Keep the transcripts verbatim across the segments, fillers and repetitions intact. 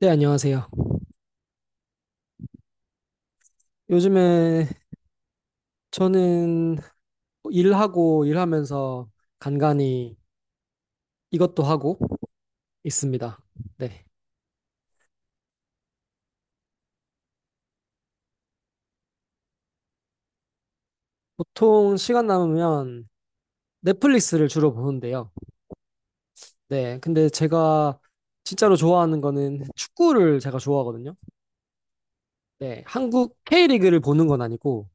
네, 안녕하세요. 요즘에 저는 일하고 일하면서 간간히 이것도 하고 있습니다. 네. 보통 시간 남으면 넷플릭스를 주로 보는데요. 네. 근데 제가 진짜로 좋아하는 거는 축구를 제가 좋아하거든요. 네. 한국 케이 리그를 보는 건 아니고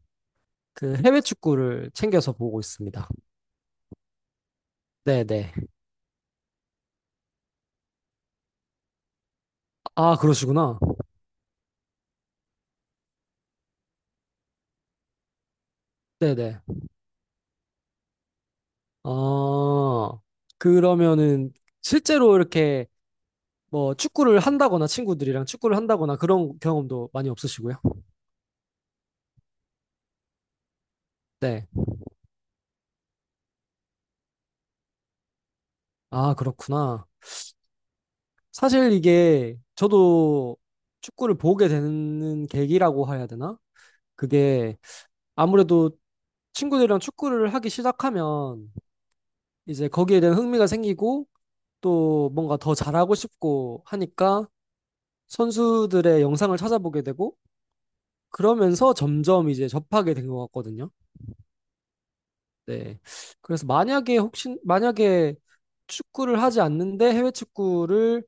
그 해외 축구를 챙겨서 보고 있습니다. 네, 네. 아, 그러시구나. 네, 네. 아, 그러면은 실제로 이렇게 뭐 축구를 한다거나 친구들이랑 축구를 한다거나 그런 경험도 많이 없으시고요? 네. 아, 그렇구나. 사실 이게 저도 축구를 보게 되는 계기라고 해야 되나? 그게 아무래도 친구들이랑 축구를 하기 시작하면 이제 거기에 대한 흥미가 생기고 또 뭔가 더 잘하고 싶고 하니까 선수들의 영상을 찾아보게 되고 그러면서 점점 이제 접하게 된 것 같거든요. 네. 그래서 만약에 혹시 만약에 축구를 하지 않는데 해외 축구를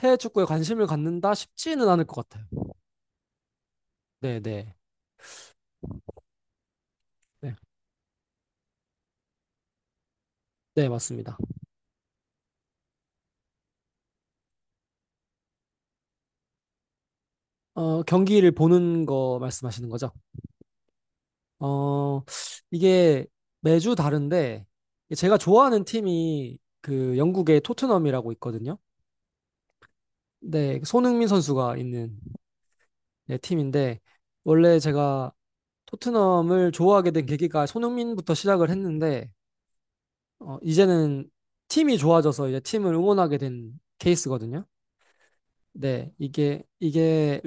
해외 축구에 관심을 갖는다 싶지는 않을 것 같아요. 네, 네. 네. 네, 맞습니다. 어, 경기를 보는 거 말씀하시는 거죠? 어, 이게 매주 다른데 제가 좋아하는 팀이 그 영국의 토트넘이라고 있거든요. 네, 그 손흥민 선수가 있는 네, 팀인데 원래 제가 토트넘을 좋아하게 된 계기가 손흥민부터 시작을 했는데 어, 이제는 팀이 좋아져서 이제 팀을 응원하게 된 케이스거든요. 네, 이게, 이게,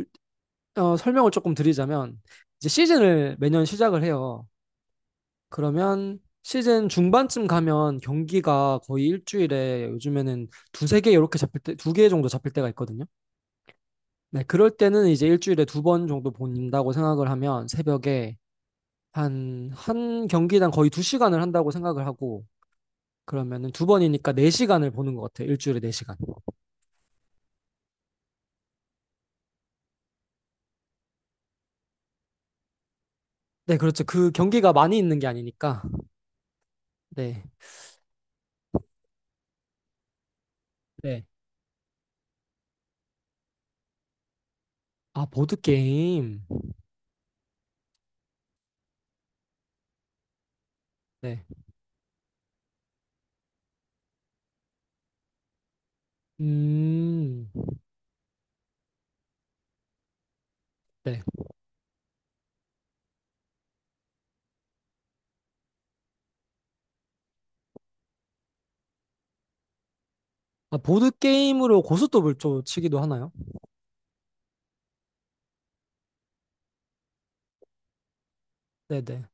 어, 설명을 조금 드리자면, 이제 시즌을 매년 시작을 해요. 그러면 시즌 중반쯤 가면 경기가 거의 일주일에 요즘에는 두세 개 이렇게 잡힐 때, 두 개 정도 잡힐 때가 있거든요. 네, 그럴 때는 이제 일주일에 두 번 정도 본다고 생각을 하면 새벽에 한, 한 경기당 거의 두 시간을 한다고 생각을 하고, 그러면은 두 번이니까 네 시간을 보는 것 같아요. 일주일에 네 시간. 네, 그렇죠. 그 경기가 많이 있는 게 아니니까. 네. 네. 아, 보드게임. 네. 음. 네. 아, 보드게임으로 고스톱을 좀 치기도 하나요? 네네.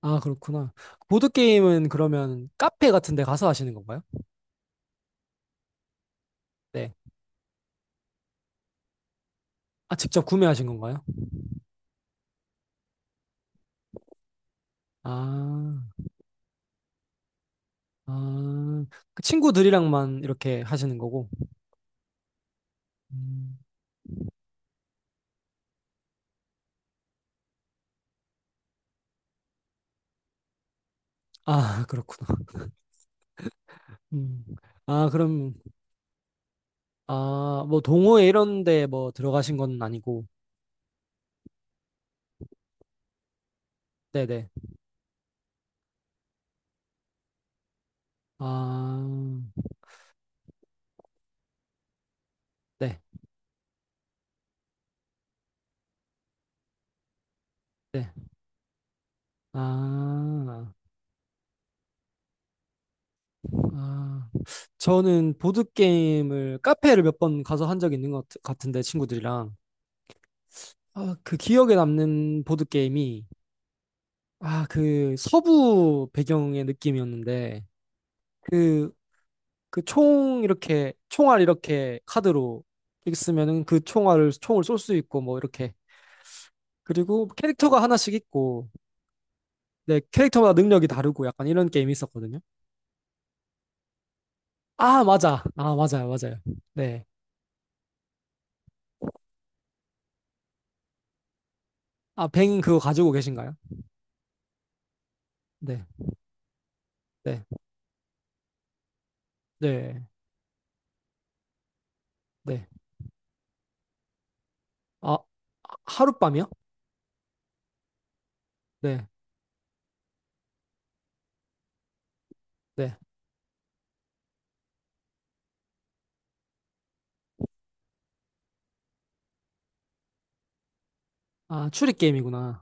아, 그렇구나. 보드게임은 그러면 카페 같은 데 가서 하시는 건가요? 네. 아, 직접 구매하신 건가요? 아, 아. 그 친구들이랑만 이렇게 하시는 거고. 음. 아, 그렇구나. 음. 아, 그럼, 아, 뭐 동호회 이런 데 뭐 들어가신 건 아니고. 네네. 아, 네, 네. 아, 아. 저는 보드게임을 카페를 몇 번 가서 한 적이 있는 것 같- 같은데, 친구들이랑. 아, 그 기억에 남는 보드게임이, 아, 그 서부 배경의 느낌이었는데, 그, 그 총 이렇게, 총알 이렇게 카드로 이렇게 쓰면은 그 총알을, 총을 쏠 수 있고, 뭐, 이렇게. 그리고 캐릭터가 하나씩 있고, 네, 캐릭터마다 능력이 다르고, 약간 이런 게임이 있었거든요. 아, 맞아. 아, 맞아요. 맞아요. 네. 아, 뱅 그거 가지고 계신가요? 네. 네. 네. 네. 아, 하룻밤이요? 네. 네. 아, 추리 게임이구나.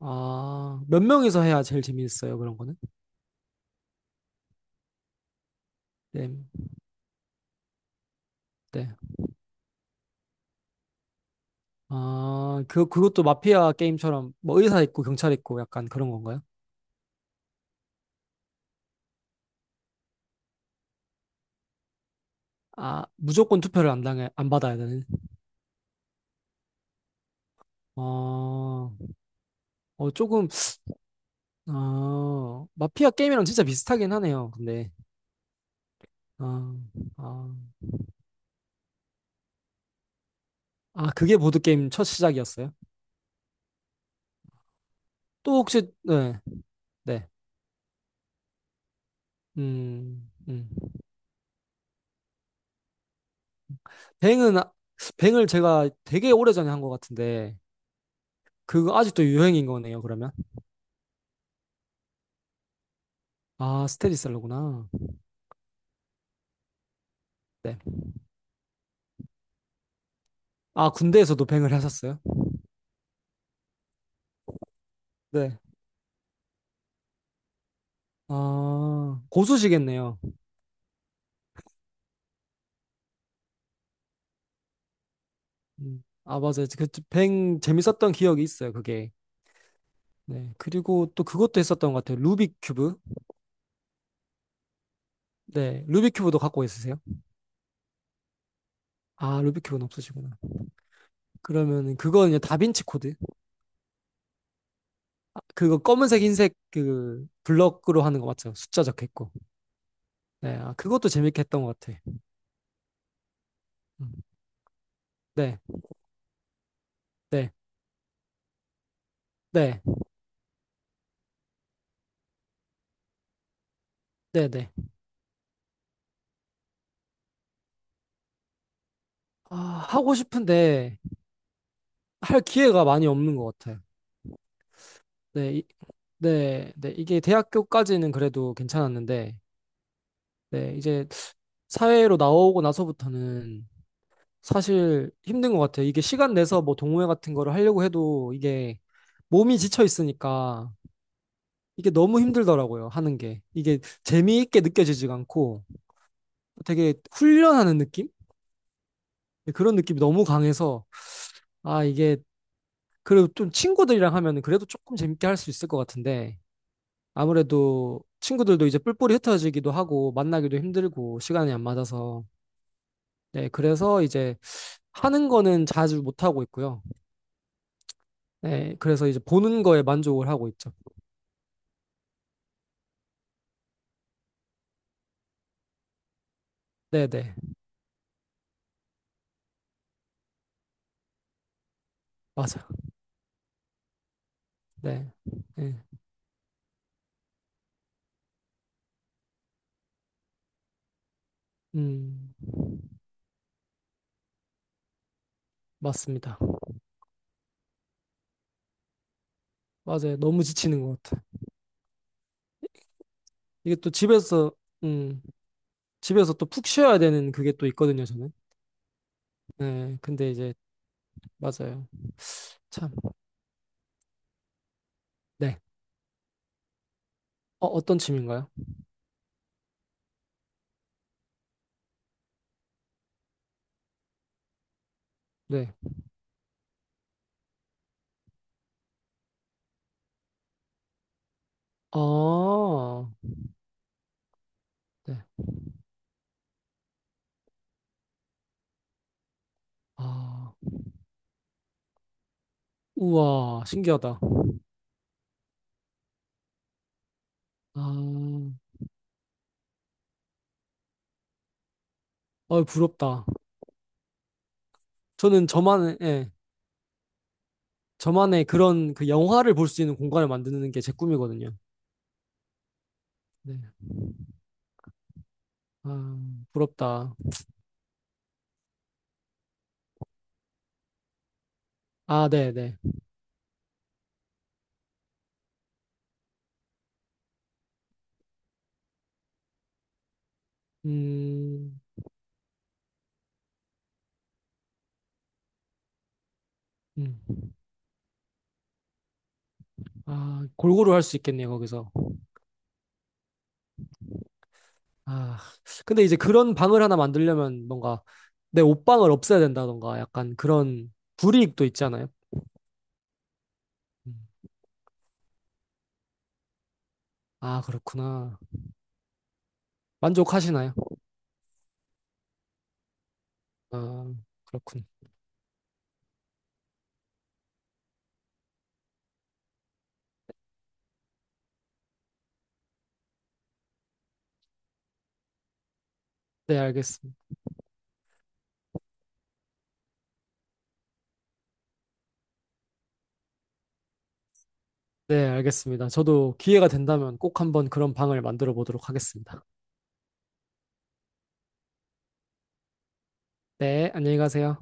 아, 몇 명이서 해야 제일 재밌어요. 그런 거는. 네. 네. 아, 그 그것도 마피아 게임처럼 뭐 의사 있고 경찰 있고 약간 그런 건가요? 아, 무조건 투표를 안 당해 안 받아야 되는. 어, 어 조금 어, 마피아 게임이랑 진짜 비슷하긴 하네요. 근데 아, 아. 아, 그게 보드게임 첫 시작이었어요? 또 혹시, 네, 네. 음, 음. 뱅은, 아- 뱅을 제가 되게 오래전에 한 것 같은데, 그거 아직도 유행인 거네요, 그러면? 아, 스테디셀러구나. 네. 아, 군대에서도 뱅을 하셨어요? 네. 아, 고수시겠네요. 음. 아, 맞아요. 그, 뱅 재밌었던 기억이 있어요, 그게. 네. 그리고 또 그것도 했었던 것 같아요. 루빅 큐브. 네. 루빅 큐브도 갖고 있으세요? 아, 루빅 큐브는 없으시구나. 그러면 그건 이제 다빈치 코드. 그거 검은색 흰색 그 블럭으로 하는 거 맞죠? 숫자 적혀있고. 네, 아, 그것도 재밌게 했던 것 같아. 음, 네, 네, 네, 네, 네. 아, 하고 싶은데 할 기회가 많이 없는 것 같아요. 네, 이, 네, 네. 이게 대학교까지는 그래도 괜찮았는데, 네, 이제 사회로 나오고 나서부터는 사실 힘든 것 같아요. 이게 시간 내서 뭐 동호회 같은 거를 하려고 해도 이게 몸이 지쳐 있으니까 이게 너무 힘들더라고요, 하는 게. 이게 재미있게 느껴지지가 않고 되게 훈련하는 느낌? 그런 느낌이 너무 강해서, 아, 이게, 그리고 좀 친구들이랑 하면 그래도 조금 재밌게 할 수 있을 것 같은데, 아무래도 친구들도 이제 뿔뿔이 흩어지기도 하고, 만나기도 힘들고, 시간이 안 맞아서. 네, 그래서 이제 하는 거는 자주 못 하고 있고요. 네, 그래서 이제 보는 거에 만족을 하고 있죠. 네네, 맞아요. 네, 네, 음, 맞습니다. 맞아요. 너무 지치는 것 같아요. 이게 또 집에서 음, 집에서 또 푹 쉬어야 되는 그게 또 있거든요, 저는. 네, 근데 이제 맞아요. 참, 네. 어, 어떤 취미인가요? 네. 아, 네. 아, 우와, 신기하다. 아, 어, 부럽다. 저는 저만의, 예, 저만의 그런 그 영화를 볼 수 있는 공간을 만드는 게 제 꿈이거든요. 네. 아, 부럽다. 아, 네, 네. 음, 음. 아, 골고루 할 수 있겠네요, 거기서. 아, 근데 이제 그런 방을 하나 만들려면 뭔가 내 옷방을 없애야 된다던가 약간 그런 불이익도 있잖아요. 음. 아, 그렇구나. 만족하시나요? 아, 그렇군. 네, 알겠습니다. 네, 알겠습니다. 저도 기회가 된다면 꼭 한번 그런 방을 만들어 보도록 하겠습니다. 네, 안녕히 가세요.